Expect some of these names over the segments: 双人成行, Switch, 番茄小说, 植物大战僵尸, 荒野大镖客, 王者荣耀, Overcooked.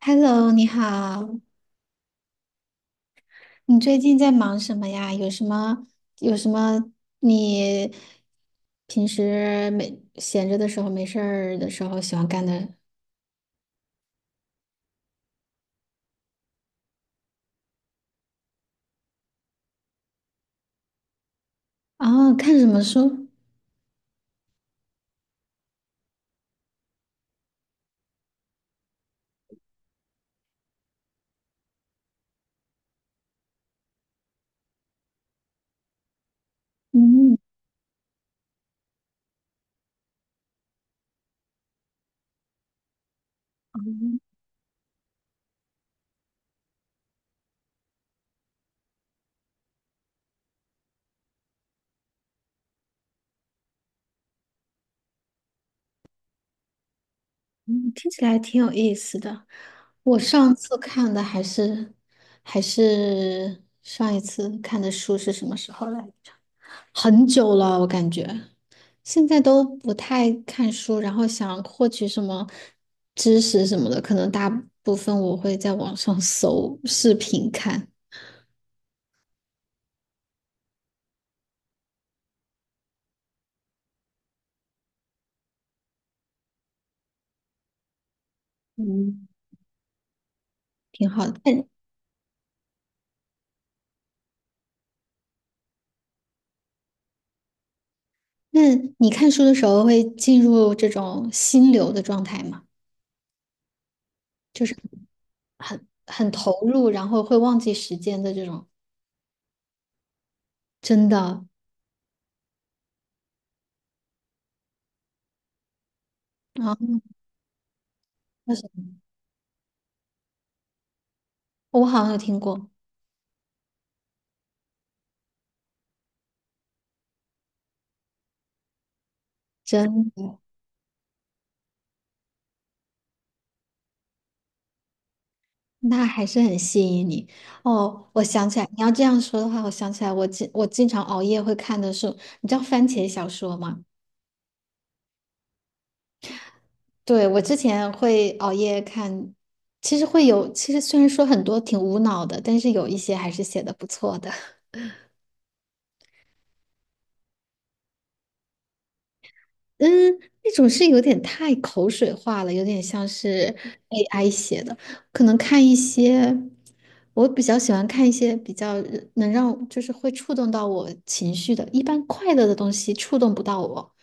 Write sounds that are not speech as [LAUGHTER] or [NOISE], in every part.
Hello，你好，你最近在忙什么呀？有什么你平时没闲着的时候、没事儿的时候喜欢干的？哦，看什么书？嗯，哦嗯，听起来挺有意思的。我上次看的还是还是上一次看的书是什么时候来着？很久了，我感觉。现在都不太看书，然后想获取什么知识什么的，可能大部分我会在网上 [LAUGHS] 搜视频看，嗯，挺好的。那你看书的时候会进入这种心流的状态吗？就是很投入，然后会忘记时间的这种，真的啊，为什么我好像有听过，真。那还是很吸引你哦。我想起来，你要这样说的话，我想起来我经常熬夜会看的是，你知道番茄小说吗？对，我之前会熬夜看，其实虽然说很多挺无脑的，但是有一些还是写的不错的。嗯，那种是有点太口水化了，有点像是 AI 写的。可能看一些，我比较喜欢看一些比较能让，就是会触动到我情绪的。一般快乐的东西触动不到我，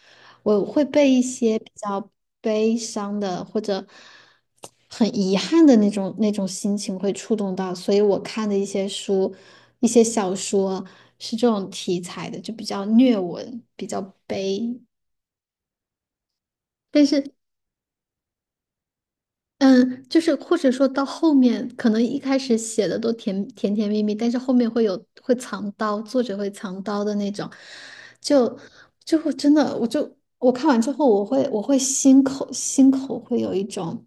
我会被一些比较悲伤的或者很遗憾的那种心情会触动到。所以我看的一些书，一些小说是这种题材的，就比较虐文，比较悲。但是嗯，就是或者说到后面，可能一开始写的都甜甜蜜蜜，但是后面会有会藏刀，作者会藏刀的那种，就就会真的，我看完之后，我会心口会有一种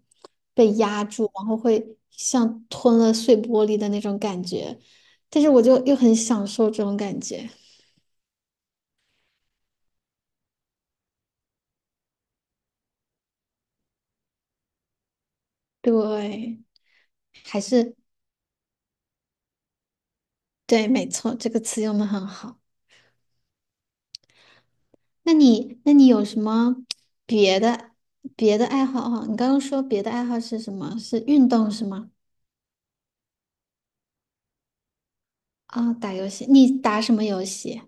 被压住，然后会像吞了碎玻璃的那种感觉，但是我就又很享受这种感觉，对，还是对，没错，这个词用的很好。那你有什么别的别的爱好哈？你刚刚说别的爱好是什么？是运动是吗？啊、打游戏，你打什么游戏？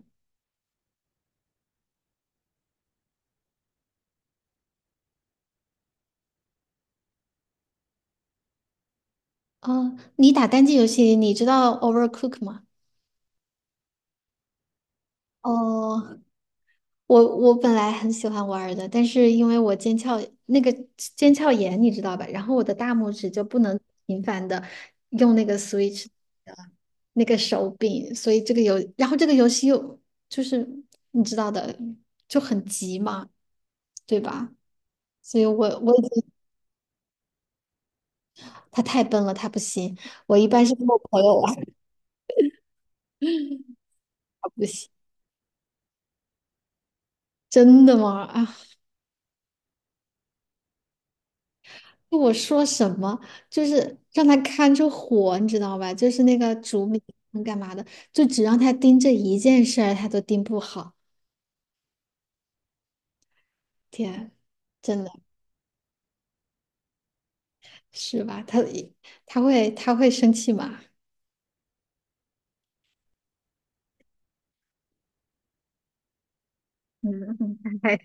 哦，你打单机游戏，你知道 Overcook 吗？哦，我我本来很喜欢玩儿的，但是因为我那个腱鞘炎，你知道吧？然后我的大拇指就不能频繁的用那个 Switch 的那个手柄，所以这个游，然后这个游戏又就是你知道的，就很急嘛，对吧？所以我我已经他太笨了，他不行。我一般是跟我朋友玩，他不行。真的吗？啊，就我说什么，就是让他看着火，你知道吧？就是那个煮米饭干嘛的，就只让他盯这一件事儿，他都盯不好。天，真的是吧？他会生气吗？嗯，哎，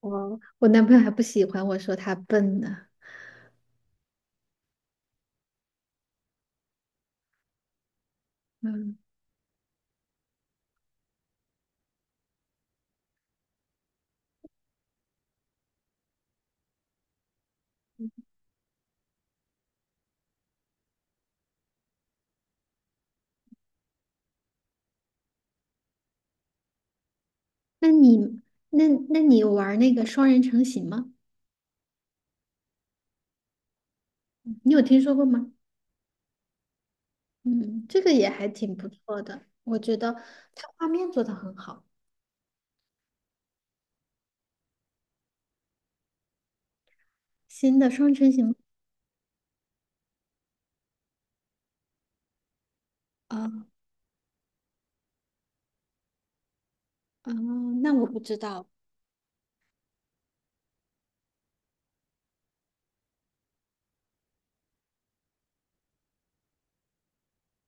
我我男朋友还不喜欢我说他笨呢。嗯，那你那你有玩那个双人成行吗？你有听说过吗？嗯，这个也还挺不错的，我觉得它画面做得很好。新的双人成行，啊嗯，那我不知道。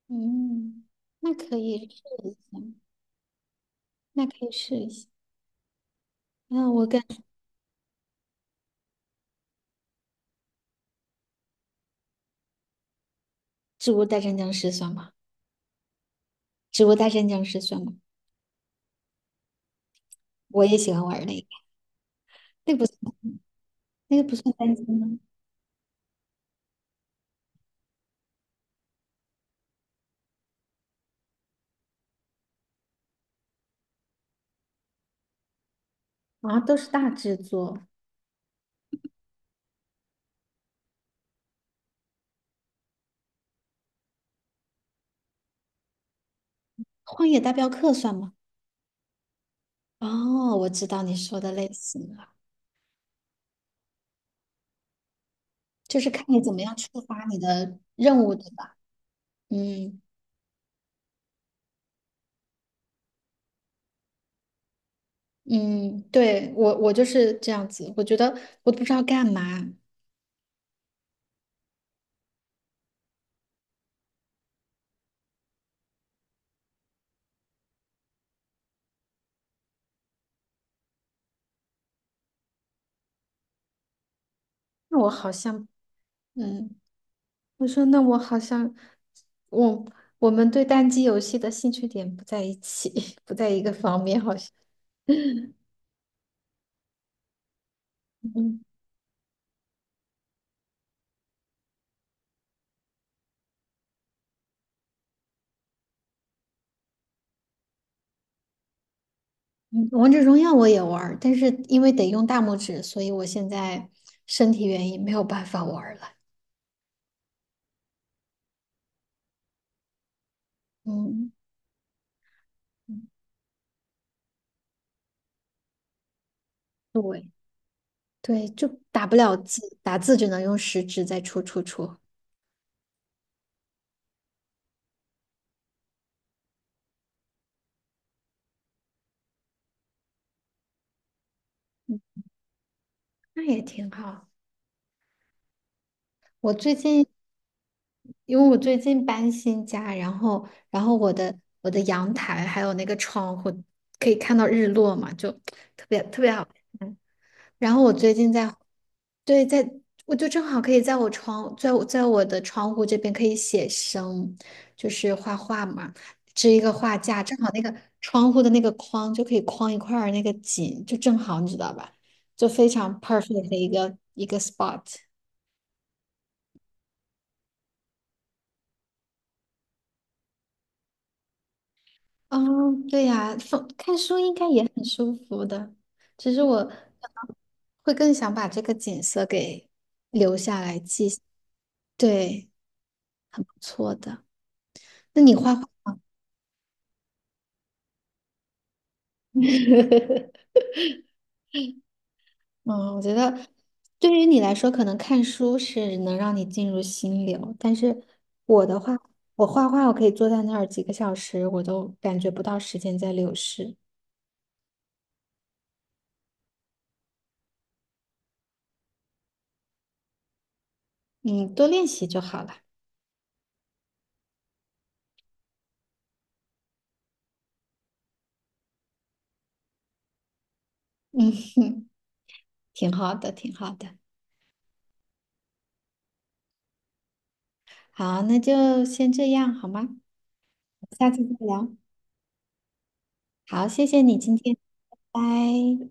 嗯，那可以试一下，那可以试一下。那我跟植物大战僵尸算吗？植物大战僵尸算吗？我也喜欢玩那个，那个不算，那个不算单机吗？啊，都是大制作。荒野大镖客算吗？哦，我知道你说的类型了，就是看你怎么样触发你的任务，对吧？嗯嗯，对，我就是这样子，我觉得我都不知道干嘛，那我好像嗯。我说那我好像，我我们对单机游戏的兴趣点不在一起，[LAUGHS] 不在一个方面，好像。[LAUGHS] 嗯嗯，王者荣耀我也玩儿但是因为得用大拇指，所以我现在身体原因没有办法玩儿了。嗯，嗯对对，就打不了字，打字只能用食指在戳戳戳，那也挺好。我最近因为我最近搬新家，然后我的阳台还有那个窗户可以看到日落嘛，就特别特别好看。然后我最近在，对，在我就正好可以在我窗在在我的窗户这边可以写生，就是画画嘛，支一个画架，正好那个窗户的那个框就可以框一块儿那个景，就正好你知道吧，就非常 perfect 的一个 spot。哦，对呀，放看书应该也很舒服的，只是我会更想把这个景色给留下来记下对，很不错的。那你画画，[LAUGHS] 嗯，我觉得对于你来说，可能看书是能让你进入心流，但是我的话，我画画，我可以坐在那儿几个小时，我都感觉不到时间在流逝。嗯，多练习就好了，挺好的，挺好的。好，那就先这样，好吗？下次再聊。好，谢谢你今天，拜拜。